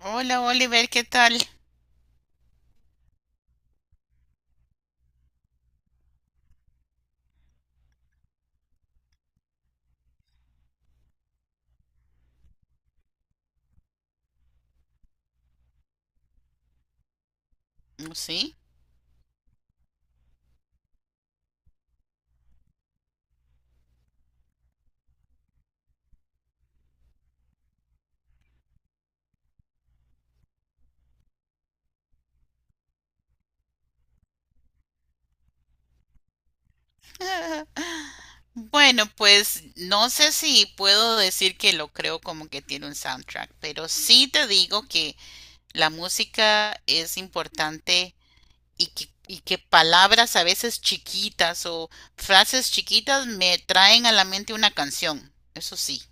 Hola Oliver, ¿qué tal? Sí. Bueno, pues no sé si puedo decir que lo creo como que tiene un soundtrack, pero sí te digo que la música es importante y que palabras a veces chiquitas o frases chiquitas me traen a la mente una canción. Eso sí.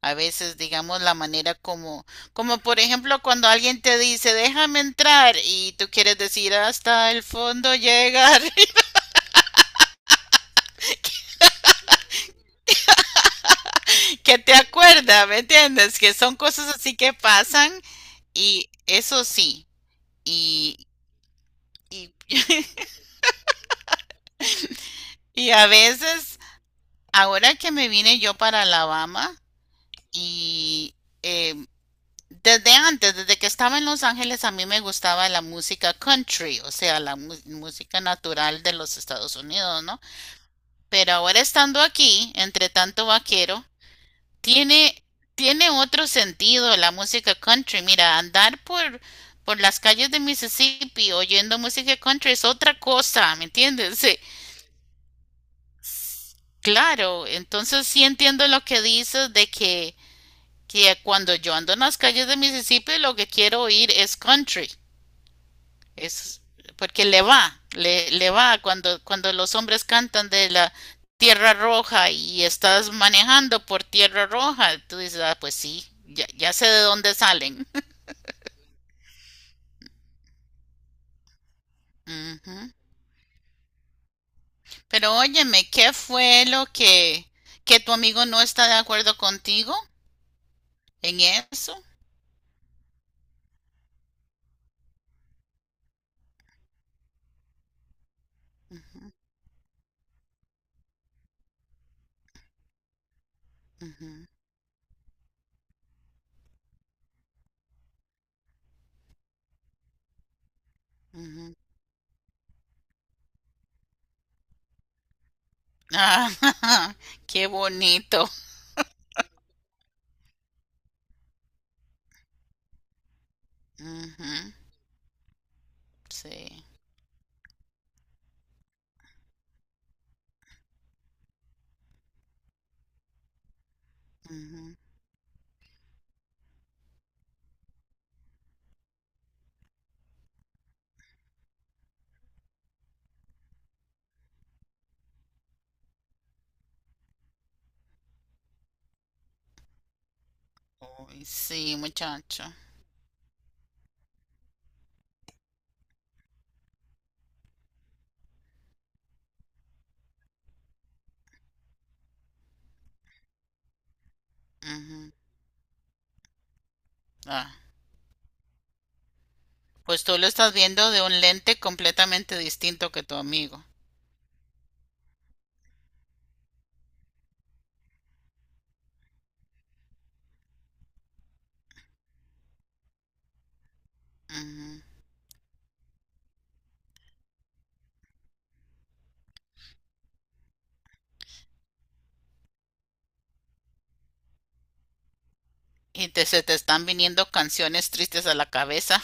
A veces, digamos, la manera como por ejemplo cuando alguien te dice, déjame entrar y tú quieres decir hasta el fondo llegar. Que te acuerda, ¿me entiendes? Que son cosas así que pasan y eso sí, y, y, y a veces, ahora que me vine yo para Alabama y eh, desde antes, desde que estaba en Los Ángeles, a mí me gustaba la música country, o sea, música natural de los Estados Unidos, ¿no? Pero ahora estando aquí, entre tanto vaquero, Tiene, tiene otro sentido la música country. Mira, por las calles de Mississippi oyendo música country es otra cosa, ¿me entiendes? Sí, claro, entonces sí entiendo lo que dices que cuando yo ando en las calles de Mississippi lo que quiero oír es country. Es porque le va, le va cuando los hombres cantan de la tierra roja y estás manejando por tierra roja, tú dices, ah, pues sí, ya, ya sé de dónde salen. Ujú. Pero óyeme, ¿qué fue lo que, ¿que tu amigo no está de acuerdo contigo en eso? Ujú, ujú. Ah, qué bonito. Ujú, sí. Ujú. Uy, sí, muchacho. Ujú. Ah, pues tú lo estás viendo de un lente completamente distinto que tu amigo. Ujú. Y te, se te están viniendo canciones tristes a la cabeza.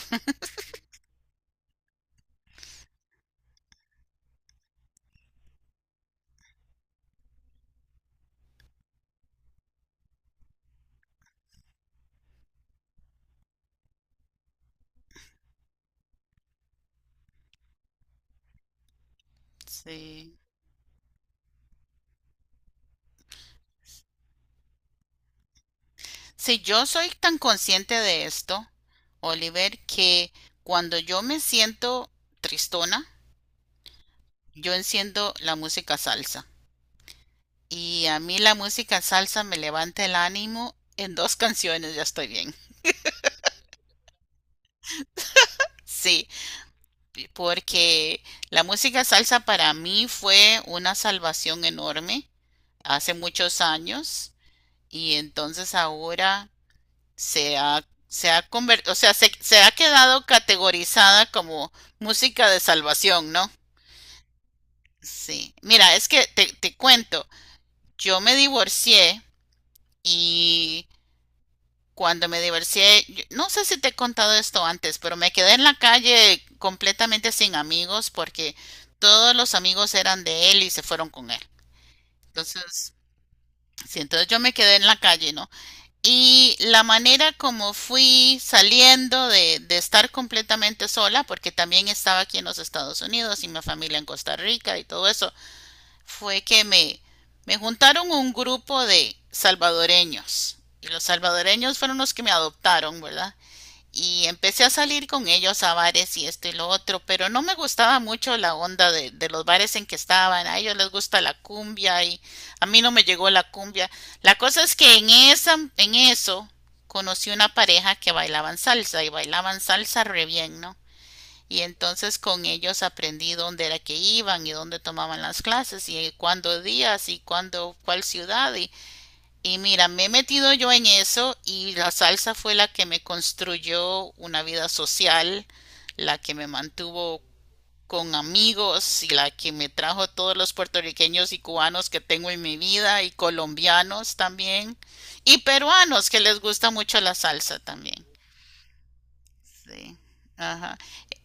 Sí. Si yo soy tan consciente de esto, Oliver, que cuando yo me siento tristona, yo enciendo la música salsa. Y a mí la música salsa me levanta el ánimo en dos canciones, ya estoy bien. Sí, porque la música salsa para mí fue una salvación enorme hace muchos años y entonces ahora se ha convertido, o sea, se ha quedado categorizada como música de salvación, ¿no? Sí. Mira, es que te cuento, yo me divorcié y cuando me divorcié, yo- no sé si te he contado esto antes, pero me quedé en la calle completamente sin amigos porque todos los amigos eran de él y se fueron con él. Entonces, sí, entonces yo me quedé en la calle, ¿no? Y la manera como fui saliendo de estar completamente sola, porque también estaba aquí en los Estados Unidos y mi familia en Costa Rica y todo eso, fue que me, me juntaron un grupo de salvadoreños. Y los salvadoreños fueron los que me adoptaron, ¿verdad? Y empecé a salir con ellos a bares y esto y lo otro, pero no me gustaba mucho la onda de los bares en que estaban. A ellos les gusta la cumbia y a mí no me llegó la cumbia. La cosa es que en esa, en eso conocí una pareja que bailaban salsa y bailaban salsa re bien, ¿no? Y entonces con ellos aprendí dónde era que iban y dónde tomaban las clases y cuándo días y cuándo cuál ciudad y mira, me he metido yo en eso y la salsa fue la que me construyó una vida social, la que me mantuvo con amigos y la que me trajo todos los puertorriqueños y cubanos que tengo en mi vida y colombianos también y peruanos que les gusta mucho la salsa también. Sí. Ajá.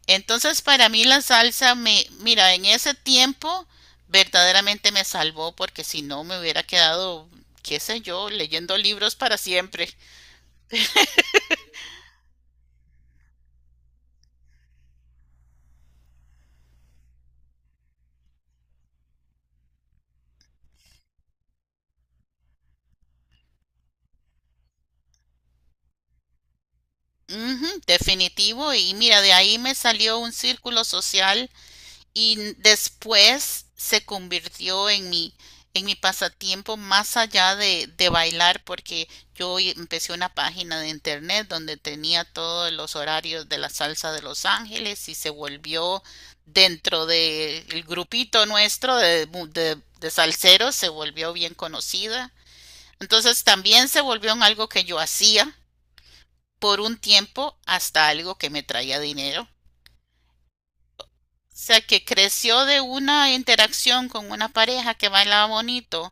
Entonces para mí mira, en ese tiempo verdaderamente me salvó porque si no me hubiera quedado, qué sé yo, leyendo libros para siempre. Ujú, definitivo. Y mira, de ahí me salió un círculo social y n- después se convirtió en mi pasatiempo más allá de bailar, porque empecé una página de internet donde tenía todos los horarios de la salsa de Los Ángeles y se volvió dentro del grupito nuestro de salseros, se volvió bien conocida. Entonces también se volvió en algo que yo hacía por un tiempo hasta algo que me traía dinero. O sea, que creció de una interacción con una pareja que bailaba bonito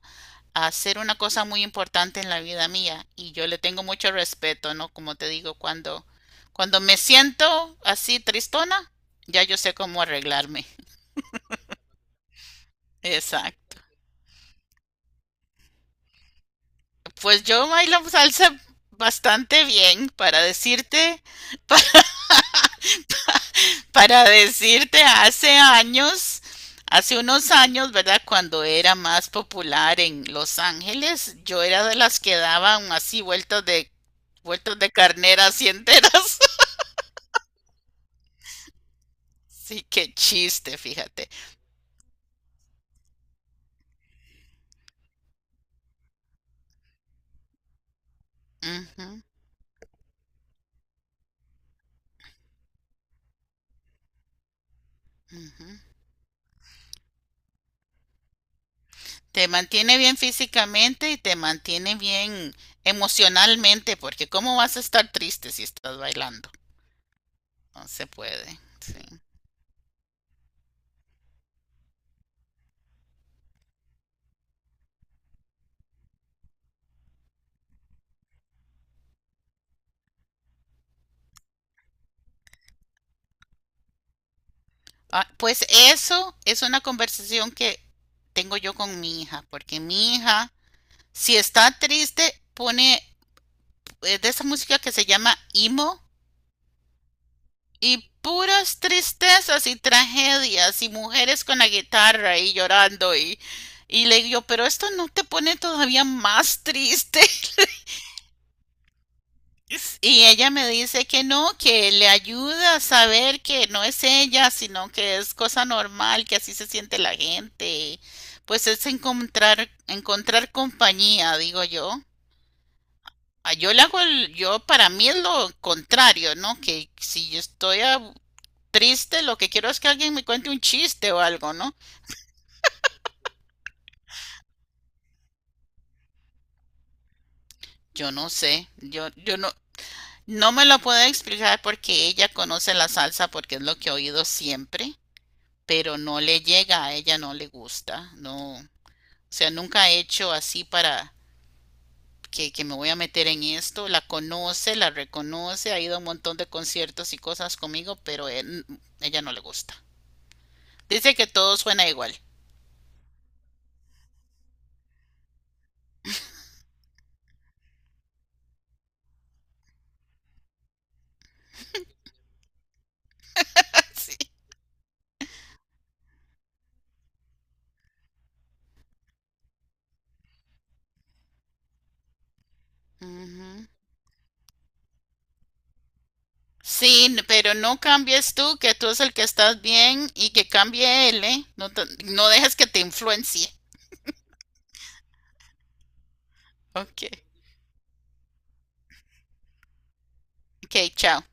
a ser una cosa muy importante en la vida mía. Y yo le tengo mucho respeto, ¿no? Como te digo, cuando me siento así tristona, ya yo sé cómo arreglarme. Exacto. Pues yo bailo salsa bastante bien para decirte, para decirte, hace años, hace unos años, ¿verdad? Cuando era más popular en Los Ángeles, yo era de las que daban así vueltas de carnera así enteras. Sí, qué chiste, fíjate. Ujú, ujú. Te mantiene bien físicamente y te mantiene bien emocionalmente, porque ¿cómo vas a estar triste si estás bailando? No se puede, sí. Ah, pues eso es una conversación que tengo yo con mi hija, porque mi hija, si está triste, pone de esa música que se llama emo y puras tristezas y tragedias y mujeres con la guitarra y le digo, pero esto no te pone todavía más triste. Y ella me dice que no, que le ayuda a saber que no es ella, sino que es cosa normal, que así se siente la gente. Pues es encontrar, encontrar compañía, digo yo. Ah, yo le hago el, yo para mí es lo contrario, ¿no? Que si yo estoy triste, lo que quiero es que alguien me cuente un chiste o algo, ¿no? Yo no sé, yo no, no me lo puedo explicar porque ella conoce la salsa porque es lo que ha oído siempre, pero no le llega, a ella no le gusta, no, o sea, nunca he hecho así para que me voy a meter en esto, la conoce, la reconoce, ha ido a un montón de conciertos y cosas conmigo, pero ella no le gusta. Dice que todo suena igual. Sí. Ujú. Sí, n- pero no cambies tú, que tú es el que estás bien y que cambie él, ¿eh? No, te- no dejes que te influencie. Ok. Ok, chao.